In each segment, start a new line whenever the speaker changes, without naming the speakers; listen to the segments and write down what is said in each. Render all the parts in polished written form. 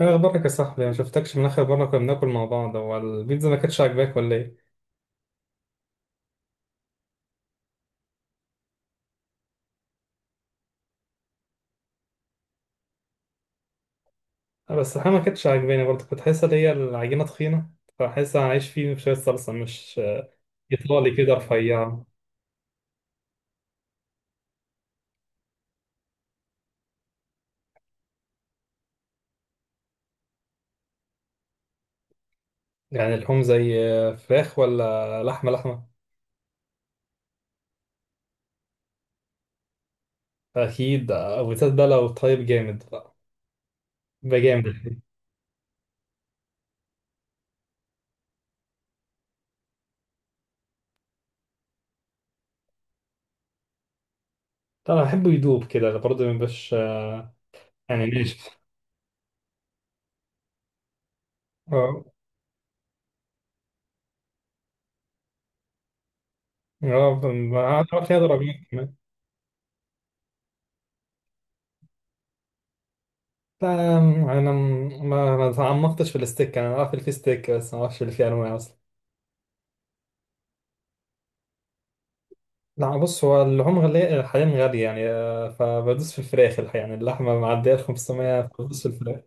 ايه اخبارك يا صاحبي؟ ما شفتكش من اخر مره كنا بناكل مع بعض. هو البيتزا ما كانتش عاجباك ولا ايه؟ أه، بس الحقيقه ما كانتش عاجباني برضه، كنت حاسس ان هي العجينه تخينه. فحاسس انا عايش فيه شويه صلصه، مش ايطالي كده رفيع. يعني اللحوم زي فراخ ولا لحمه؟ لحمه. اكيد. وبالذات بقى لو طيب جامد بقى، بقى جامد. طبعا بحبه يدوب كده برضه، ما يبقاش يعني ناشف. اه، اه، ما اعرفش هذا رقم. لا، انا ما تعمقتش في الستيك. انا عارف اللي فيه ستيك بس ما اعرفش اللي فيه انواع اصلا. لا، بص، هو اللحوم غالية حاليا، غالية يعني. فبدوس في الفراخ. يعني اللحمة معدية ال 500، فبدوس في الفراخ.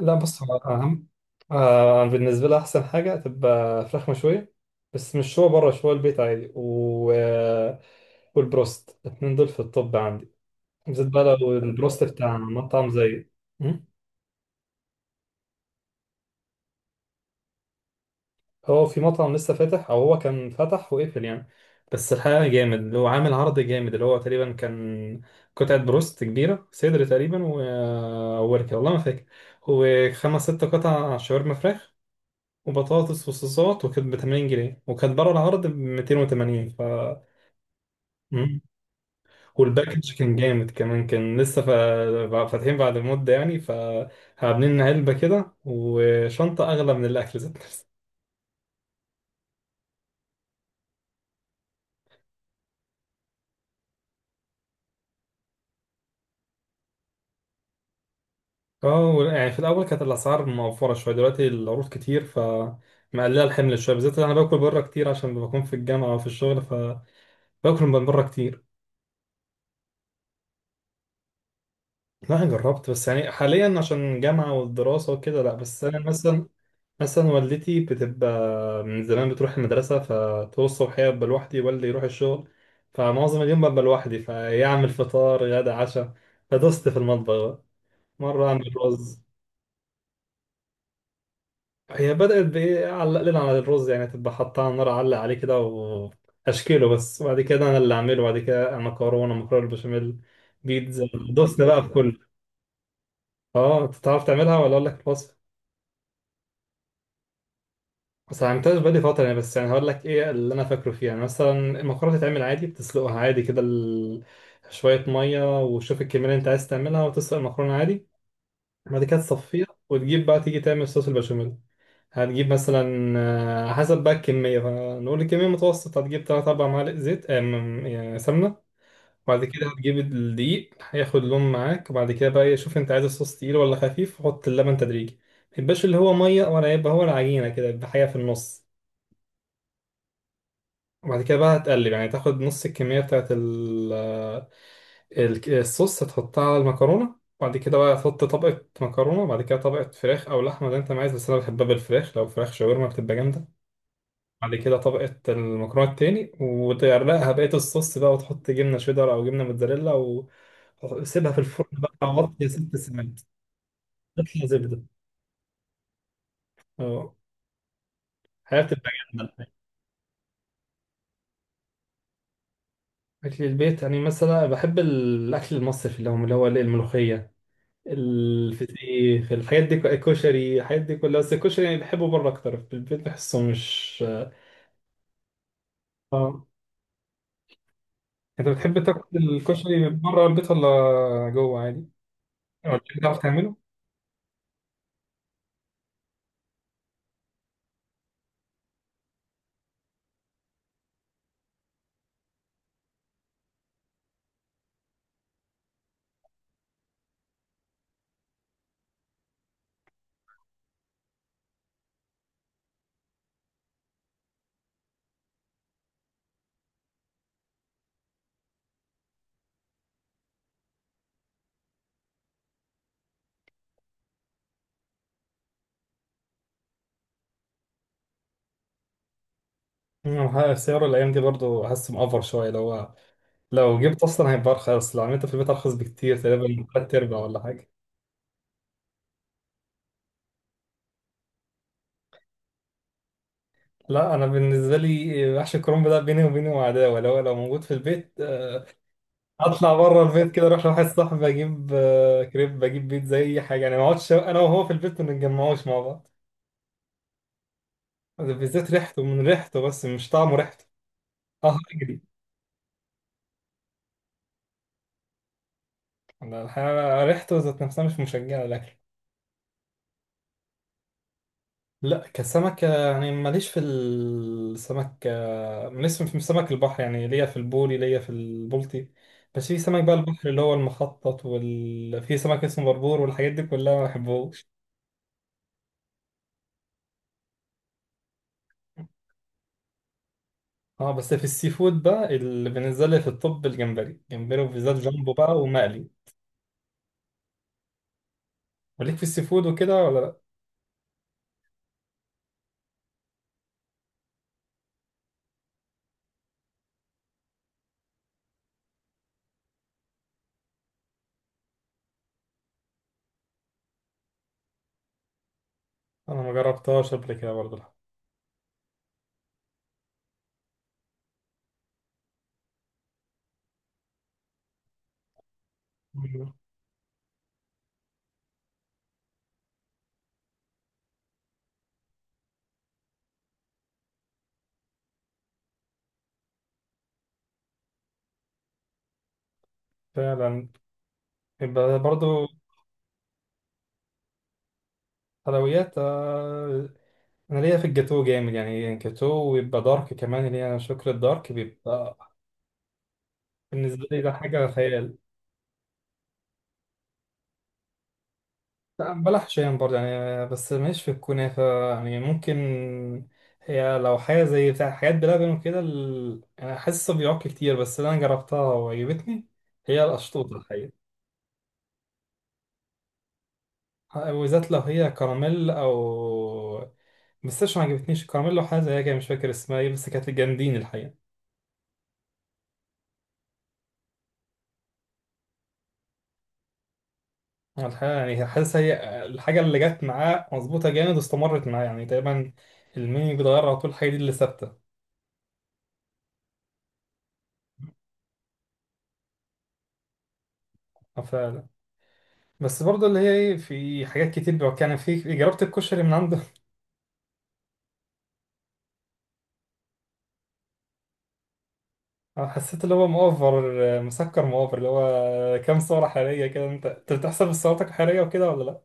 لا، بص هو أهم. أنا بالنسبة لي أحسن حاجة تبقى فراخ مشوية. بس مش شوية بره، شوية البيت عادي. و... آه، والبروست الاتنين دول في الطب عندي، بالذات بقى لو البروست بتاع مطعم زي. م? هو في مطعم لسه فاتح او هو كان فتح وقفل يعني، بس الحقيقه جامد اللي هو عامل عرض جامد. اللي هو تقريبا كان قطعه بروست كبيره، صدر تقريبا ووركه، والله ما فاكر، وخمس ست قطع شاورما فراخ، وبطاطس وصوصات، وكانت ب 80 جنيه، وكانت بره العرض ب 280، ف مم. والباكج كان جامد كمان، كان لسه فاتحين بعد مده يعني، فعاملين علبه كده وشنطه اغلى من الاكل ذات. اه، يعني في الاول كانت الاسعار موفره شويه، دلوقتي العروض كتير، ف مقلله الحمل شويه، بالذات انا باكل بره كتير عشان بكون في الجامعه وفي الشغل، فباكل من بره كتير. لا، انا جربت، بس يعني حاليا عشان الجامعه والدراسه وكده لا. بس انا مثلا، مثلا والدتي بتبقى من زمان بتروح المدرسه، فطول الصبح هي ببقى لوحدي، والدي يروح الشغل، فمعظم اليوم ببقى لوحدي، فيعمل فطار غدا عشاء. فدست في المطبخ بقى. مره اعمل رز. هي بدأت بإيه، علق لنا على الرز يعني، تبقى حطها على النار، علق عليه كده وأشكيله بس، وبعد كده أنا اللي أعمله. وبعد كده مكرونة بالبشاميل، بيتزا، دوسنا بقى في كله. أه، أنت تعرف تعملها ولا أقول لك الوصفة؟ بس ما عملتهاش بقالي فترة يعني، بس يعني هقول لك إيه اللي أنا فاكره فيها يعني، مثلا المكرونة بتتعمل عادي، بتسلقها عادي كده شوية مية، وشوف الكمية اللي أنت عايز تعملها، وتسلق المكرونة عادي. بعد كده تصفيها، وتجيب بقى تيجي تعمل صوص البشاميل. هتجيب مثلا حسب بقى الكمية، فنقول الكمية متوسط، هتجيب تلات أربع معالق زيت يعني سمنة. وبعد كده هتجيب الدقيق، هياخد لون معاك. وبعد كده بقى إيه، شوف انت عايز الصوص تقيل ولا خفيف، وحط اللبن تدريجي. ميبقاش اللي هو مية، ولا يبقى هو العجينة كده، يبقى حاجة في النص. وبعد كده بقى هتقلب يعني، تاخد نص الكمية بتاعت ال- الصوص، هتحطها على المكرونة. وبعد كده بقى هتحط طبقة مكرونة، وبعد كده طبقة فراخ أو لحمة زي انت ما عايز. بس أنا بحبها بالفراخ، لو فراخ شاورما بتبقى جامدة. بعد كده طبقة المكرونة التاني، وتغرقها بقية الصوص بقى، وتحط جبنة شيدر أو جبنة موتزاريلا وسيبها في الفرن بقى، وطي ست ساعات. تطلع زبدة. اه. حياة، بتبقى جامدة. أكل البيت يعني، مثلا بحب الأكل المصري في اليوم، اللي هو الملوخية، الفسيخ، الحاجات دي، الكشري، الحاجات دي كلها. بس الكشري يعني بحبه بره أكتر، في البيت بحسه مش. اه، أنت بتحب تاكل الكشري بره البيت ولا جوه عادي؟ ولا بتعرف تعمله؟ مم، السعر الايام دي برضو حاسس مأفر شويه، لو هو لو جبت اصلا هيبقى ارخص. لو عملته في البيت ارخص بكتير، تقريبا تلات ارباع ولا حاجه. لا، انا بالنسبه لي وحش الكرنب ده، بيني وبينه عداوه. لو موجود في البيت، اطلع بره البيت كده، اروح لواحد صاحبي، اجيب كريب، اجيب بيتزا، اي حاجه يعني، ما اقعدش انا وهو في البيت ما نتجمعوش مع بعض. بالذات ريحته، من ريحته بس مش طعمه، ريحته. اه، اجري. أنا الحقيقة ريحته ذات نفسها مش مشجعه لك. لا، كسمكة يعني ماليش في السمك، ماليش في سمك البحر يعني، ليا في البوري، ليا في البلطي. بس في سمك بقى البحر اللي هو المخطط، في سمك اسمه بربور، والحاجات دي كلها ما بحبهوش. اه، بس في السي فود بقى، اللي بالنسبة لي في الطب الجمبري، جمبري وبالذات جامبو بقى، ومقلي. وليك في السي فود وكده ولا لا؟ انا ما جربتهاش قبل كده برضه، لا. مم. فعلا، يبقى برضه. حلويات، انا ليا في الجاتو جامد يعني، جاتو ويبقى دارك كمان، اللي هي شوكليت دارك، بيبقى بالنسبه لي ده حاجه خيال. لا، بلح شام برضه يعني، بس ماليش في الكنافه. يعني ممكن هي لو حاجه زي بتاع حاجات بلبن وكده، انا حاسه بيعك كتير، بس اللي انا جربتها وعجبتني هي القشطوطه الحقيقه. وبالذات لو هي كراميل او، بس مش، ما عجبتنيش الكراميل. لو حاجه زيها كده مش فاكر اسمها ايه، بس كانت جامدين الحقيقه. هو الحقيقة يعني، حاسس هي الحاجة اللي جت معاه مظبوطة جامد، واستمرت معاه يعني تقريبا. المين بيتغير على طول، الحاجة دي اللي ثابتة. فعلا. بس برضه اللي هي ايه، في حاجات كتير بيبقى يعني، في، جربت الكشري من عنده. حسيت اللي هو مؤفر، مسكر مؤفر، اللي هو كام سعرة حرارية كده. انت بتحسب السعرات الحرارية وكده ولا لا؟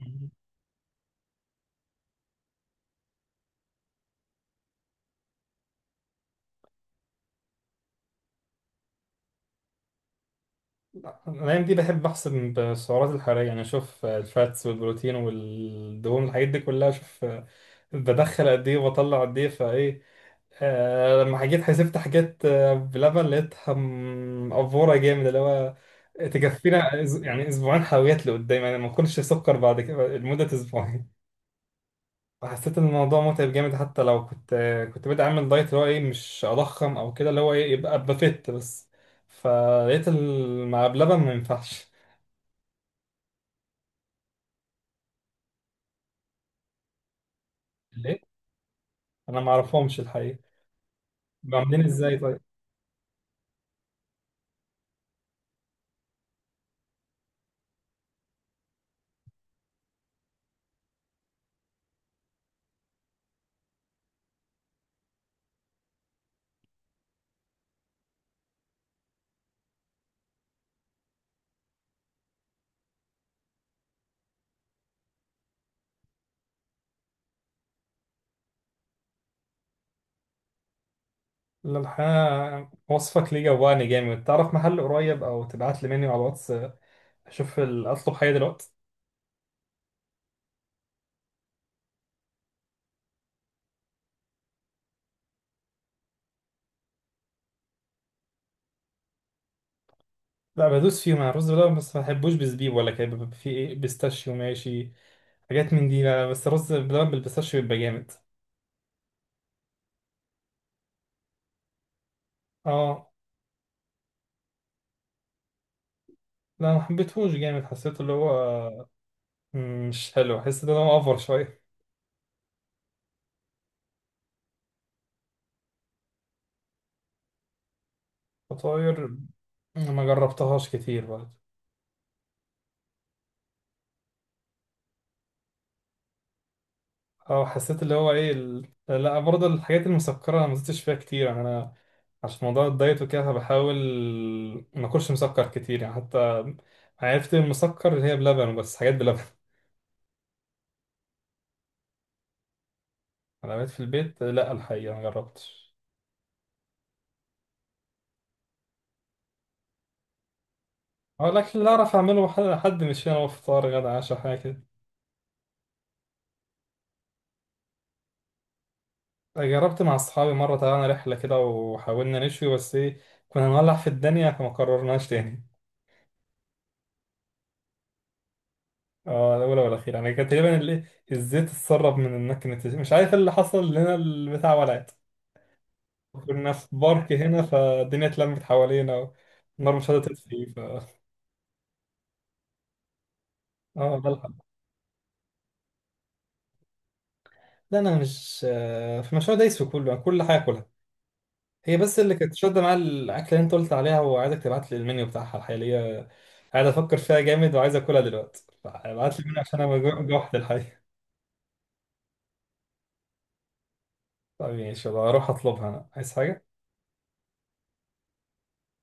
مم. لا، الأيام دي بحب أحسب بالسعرات الحرارية، يعني أشوف الفاتس والبروتين والدهون، الحاجات دي كلها أشوف بدخل قد إيه وبطلع قد إيه، فإيه، لما جيت حسبت حاجات بلبن، لقيتها مقفورة جامد. اللي هو تكفينا يعني اسبوعين حلويات لقدام، يعني ما كنتش سكر بعد كده لمدة اسبوعين. فحسيت ان الموضوع متعب جامد. حتى لو كنت كنت بادئ اعمل دايت، اللي هو ايه، مش اضخم او كده، اللي هو ايه، يبقى ابقى فت بس. فلقيت مع بلبن ما ينفعش. ليه؟ انا ما اعرفهمش الحقيقة. بيبقوا عاملين ازاي طيب؟ لا، الحقيقة وصفك ليه جوعني جامد. تعرف محل قريب او تبعت لي منيو على الواتس؟ اشوف اطلب حاجه دلوقتي. لا، بدوس فيهم انا الرز بلبن، بس ما بحبوش بزبيب ولا كده. بيبقى فيه ايه، بيستاشيو ماشي، حاجات من دي. لا، بس الرز بلبن بالبيستاشيو بيبقى جامد. اه، لا ما حبيتهوش جامد، حسيته اللي هو، مم، مش حلو، حسيت ان هو اوفر شويه. فطاير، ما جربتهاش كتير برضه. اه، حسيت اللي هو ايه، لا، برضه الحاجات المسكره انا ما زدتش فيها كتير يعني، انا عشان موضوع الدايت وكده، فبحاول ما اكلش مسكر كتير يعني، حتى عرفت المسكر اللي هي بلبن، بس حاجات بلبن. حلويات في البيت، لا الحقيقة ما جربتش. هو الأكل اللي أعرف أعمله حد مش هنا، هو فطار غدا عشاء، حاجة كده. جربت مع أصحابي مرة، طلعنا رحلة كده وحاولنا نشوي، بس إيه، كنا هنولع في الدنيا، فما قررناش تاني. اه، الأولى والأخيرة يعني. كان تقريبا الزيت اتسرب من المكنة، مش عارف إيه اللي حصل لنا، البتاع ولعت. كنا في بارك هنا، فالدنيا اتلمت حوالينا، والنار مش قادرة تطفي، ف اه بلحق. لا، أنا مش في المشروع دايس في كله، أنا كل حاجة أكلها. هي بس اللي كانت شادة معايا الأكلة اللي أنت قلت عليها، وعايزك تبعت لي المنيو بتاعها الحقيقة. قاعد أفكر فيها جامد وعايز أكلها دلوقتي، فابعت لي المنيو عشان أنا جوعت الحقيقة. طيب ماشي، يلا أروح أطلبها. أنا عايز حاجة؟